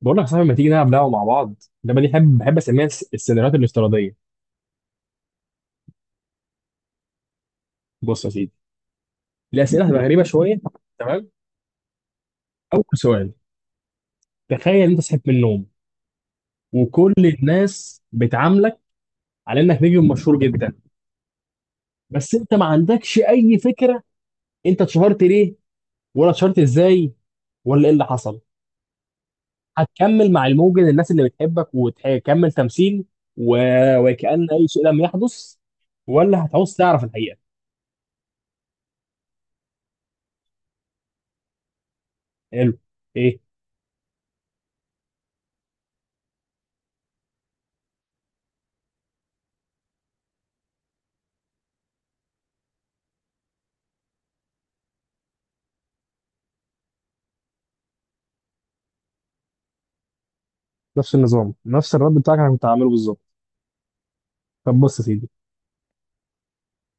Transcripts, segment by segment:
بقول لك يا صاحبي، ما تيجي نلعب لعبه مع بعض؟ اللعبه دي بحب اسميها السيناريوهات الافتراضيه. بص يا سيدي، الاسئله هتبقى غريبه شويه. تمام. اول سؤال: تخيل انت صحيت من النوم وكل الناس بتعاملك على انك نجم مشهور جدا، بس انت ما عندكش اي فكره انت اتشهرت ليه، ولا اتشهرت ازاي، ولا ايه اللي حصل. هتكمل مع الموجة الناس اللي بتحبك وتكمل تمثيل و... وكأن اي شيء لم يحدث، ولا هتعوز تعرف الحقيقه؟ حلو. ايه؟ نفس النظام، نفس الرد بتاعك انا كنت هعمله بالظبط. طب بص يا سيدي،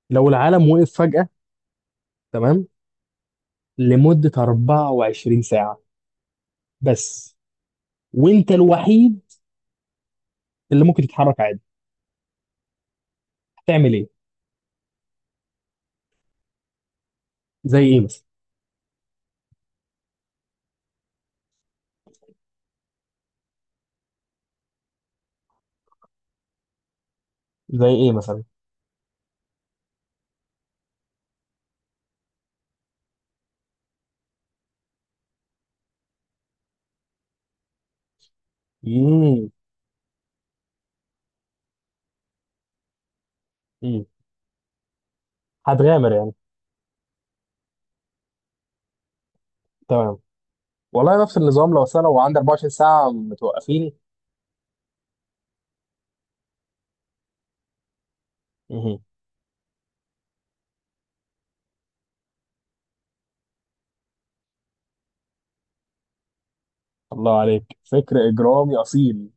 لو العالم وقف فجأة، تمام، لمدة 24 ساعة بس، وانت الوحيد اللي ممكن تتحرك عادي، هتعمل ايه؟ زي ايه مثلا؟ زي ايه مثلا؟ امم. امم. هتغامر يعني. تمام. والله نفس النظام، لو أصل أنا لو عندي 24 ساعة متوقفين. مه. الله عليك، فكر إجرامي أصيل.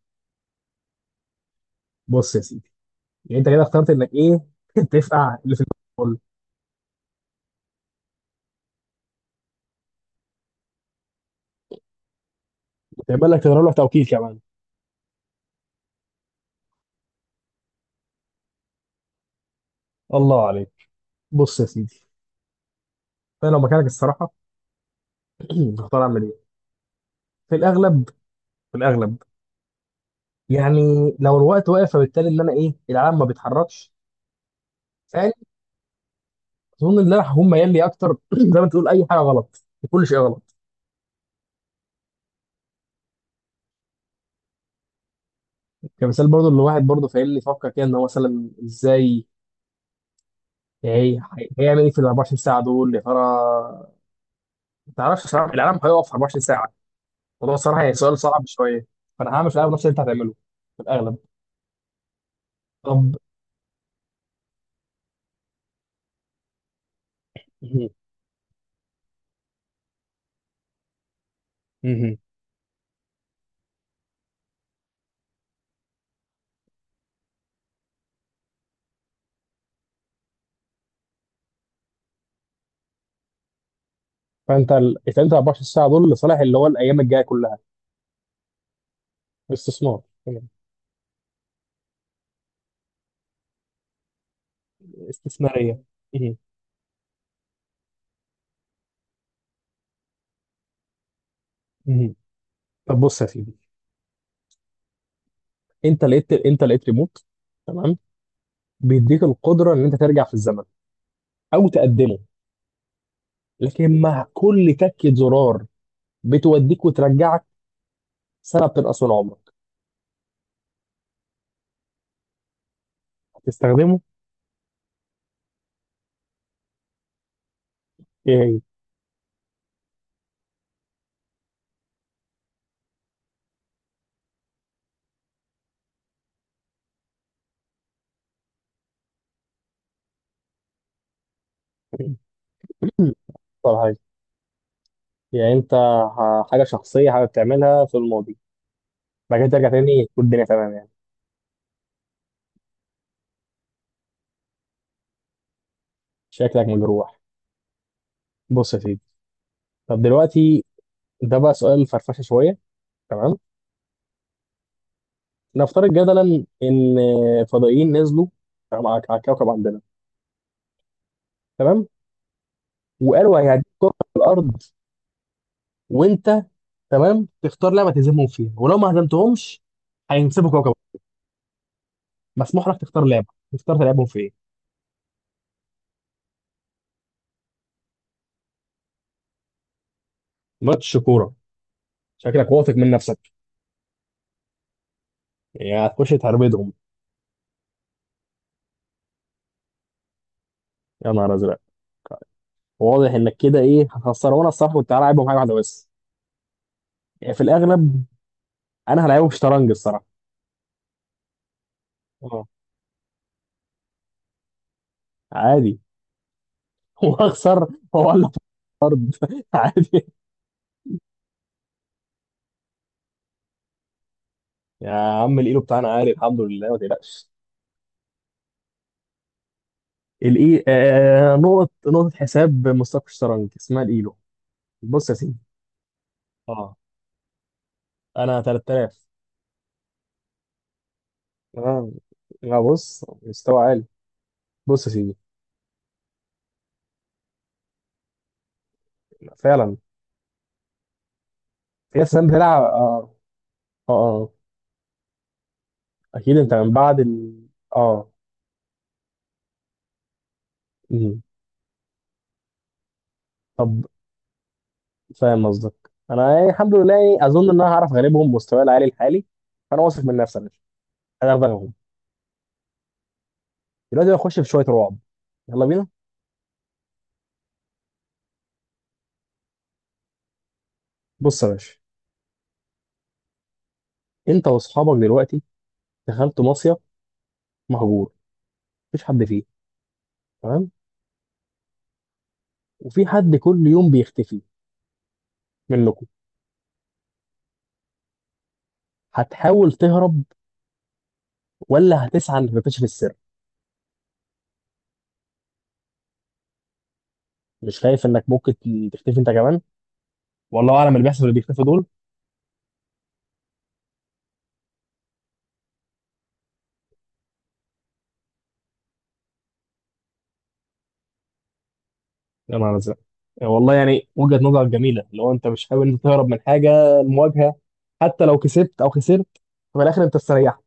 بص يا سيدي، يعني انت كده اخترت انك ايه؟ تفقع اللي في الكل وتعمل لك تضرب له توكيل كمان. الله عليك. بص يا سيدي، انا لو مكانك الصراحة هختار اعمل ايه؟ في الاغلب في الاغلب. يعني لو الوقت واقف، فبالتالي ان انا ايه العالم ما بيتحركش ثاني، اظن ان انا هكون ميال لي اكتر زي ما تقول اي حاجه غلط، كل شيء غلط. كمثال برضو اللي واحد برضو فاهمني يفكر كده ان هو مثلا ازاي، يعني إيه، هيعمل ايه في ال 24 ساعه دول يا ترى. ما تعرفش صراحه العالم هيقف 24 ساعه، الموضوع صراحه هي سؤال صعب شويه. فانا هعمل في الاغلب نفس اللي انت هتعمله، في الاغلب. طب. مهم. مهم. فانت 24 ساعه دول لصالح اللي هو الايام الجايه كلها. استثمار. تمام. استثماريه. مهم. مهم. طب بص يا سيدي، انت لقيت ريموت، تمام، بيديك القدره ان انت ترجع في الزمن او تقدمه، لكن مع كل تكه زرار بتوديك وترجعك سنه بتنقص من عمرك. هتستخدمه؟ ايه هي اكتر حاجه؟ يعني انت حاجه شخصيه، حاجه بتعملها في الماضي، بعد كده ترجع تاني تكون الدنيا تمام يعني؟ شكلك مجروح. بص يا سيدي، طب دلوقتي ده بقى سؤال فرفشه شويه. تمام. نفترض جدلا ان فضائيين نزلوا، تمام، على الكوكب عندنا. تمام. وقالوا هيهديك كره في الارض، وانت تمام تختار لعبه تهزمهم فيها، ولو ما هزمتهمش هينسبوا كوكب. مسموح لك تختار لعبه، تختار تلعبهم في ايه. ماتش كوره؟ شكلك واثق من نفسك. يعني هتخش تهربدهم. يا نهار ازرق، واضح انك كده ايه هتخسر، وانا الصراحه كنت هلاعبهم حاجه واحده بس. يعني في الاغلب انا هلاعبهم شطرنج الصراحه. اه، عادي. واخسر، والله. عادي. يا عم، الايلو بتاعنا عالي الحمد لله، ما تقلقش. الاي آه نقطه نقطه حساب مستقبل الشطرنج اسمها الايلو. بص يا سيدي، اه، انا 3000. تمام. لا بص، مستوى عالي. بص يا سيدي، فعلا. في ناس كمان بتلعب، اه. اه. آه. اكيد انت من بعد. اه. مم. طب. فاهم قصدك، انا يعني الحمد لله، يعني اظن ان انا هعرف اغلبهم مستواي العالي الحالي. فانا واثق من نفسي يا باشا، انا هعرف اغلبهم. دلوقتي هخش في شويه رعب. يلا بينا. بص يا باشا، انت واصحابك دلوقتي دخلتوا مصيف مهجور، مفيش حد فيه. تمام. وفي حد كل يوم بيختفي منكم. هتحاول تهرب ولا هتسعى انك تكتشف السر؟ مش خايف انك ممكن تختفي انت كمان؟ والله اعلم اللي بيحصل اللي بيختفي دول. يا نهار ازرق، والله يعني وجهة نظر جميلة. لو انت مش حابب انت تهرب من حاجة، المواجهة، حتى لو كسبت او خسرت في الاخر انت استريحت.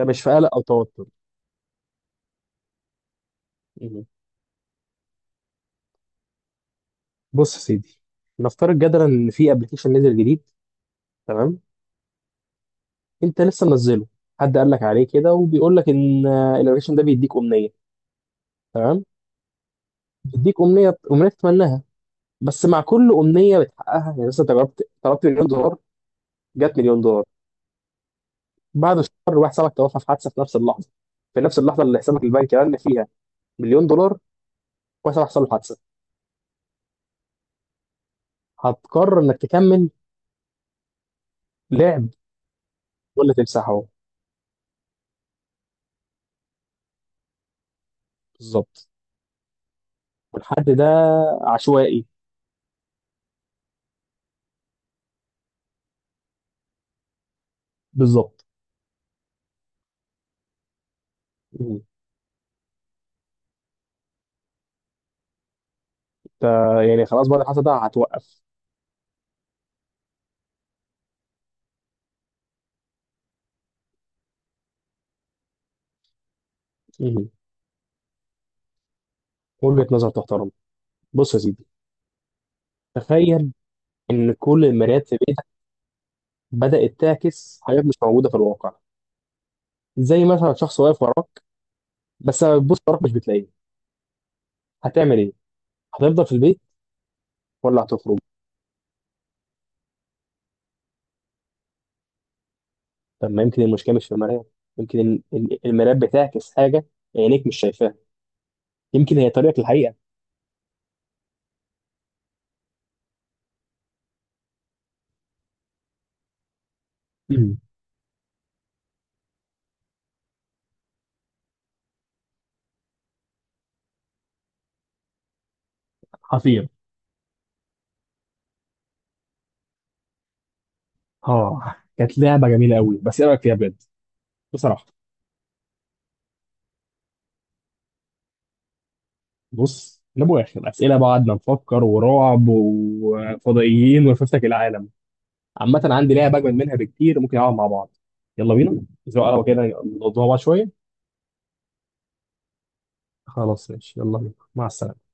انت مش في قلق او توتر. مم. بص يا سيدي، نفترض جدلا ان في ابلكيشن نزل جديد. تمام. انت لسه منزله، حد قال لك عليه كده وبيقول لك ان الابلكيشن ده بيديك امنية. تمام. بيديك امنية، امنية تتمناها. بس مع كل امنيه بتحققها، يعني مثلا انت جربت طلبت مليون دولار، جت مليون دولار، بعد شهر واحد صاحبك توفى في حادثه، في نفس اللحظه، في نفس اللحظه اللي حسابك البنكي رن فيها مليون دولار. واحد صاحبك حصل له حادثه. هتقرر انك تكمل لعب ولا تمسحه؟ بالظبط. والحد ده عشوائي. بالظبط. مم. انت يعني خلاص بعد الحادثه ده هتوقف؟ مم. وجهه نظر تحترم. بص يا سيدي، تخيل ان كل المرايات في بيتك بدات تعكس حاجات مش موجوده في الواقع. زي مثلا شخص واقف وراك، بس لما بتبص وراك مش بتلاقيه. هتعمل ايه؟ هتفضل في البيت ولا هتخرج؟ طب ما يمكن المشكله مش في المرايه. يمكن المرايه بتعكس حاجه عينيك مش شايفاها، يمكن هي طريقك للحقيقه. امم. خطير. اه، كانت لعبه جميله قوي، بس ايه رايك فيها بجد؟ بصراحه. بص لابو اخر اسئله بعد ما نفكر ورعب وفضائيين ولفتك العالم. عامه عندي لعبه اجمد منها بكتير، ممكن نلعب مع بعض. يلا بينا. زي قهوه كده نقضوها بعض شويه. خلاص ماشي، يلا بينا، مع السلامه.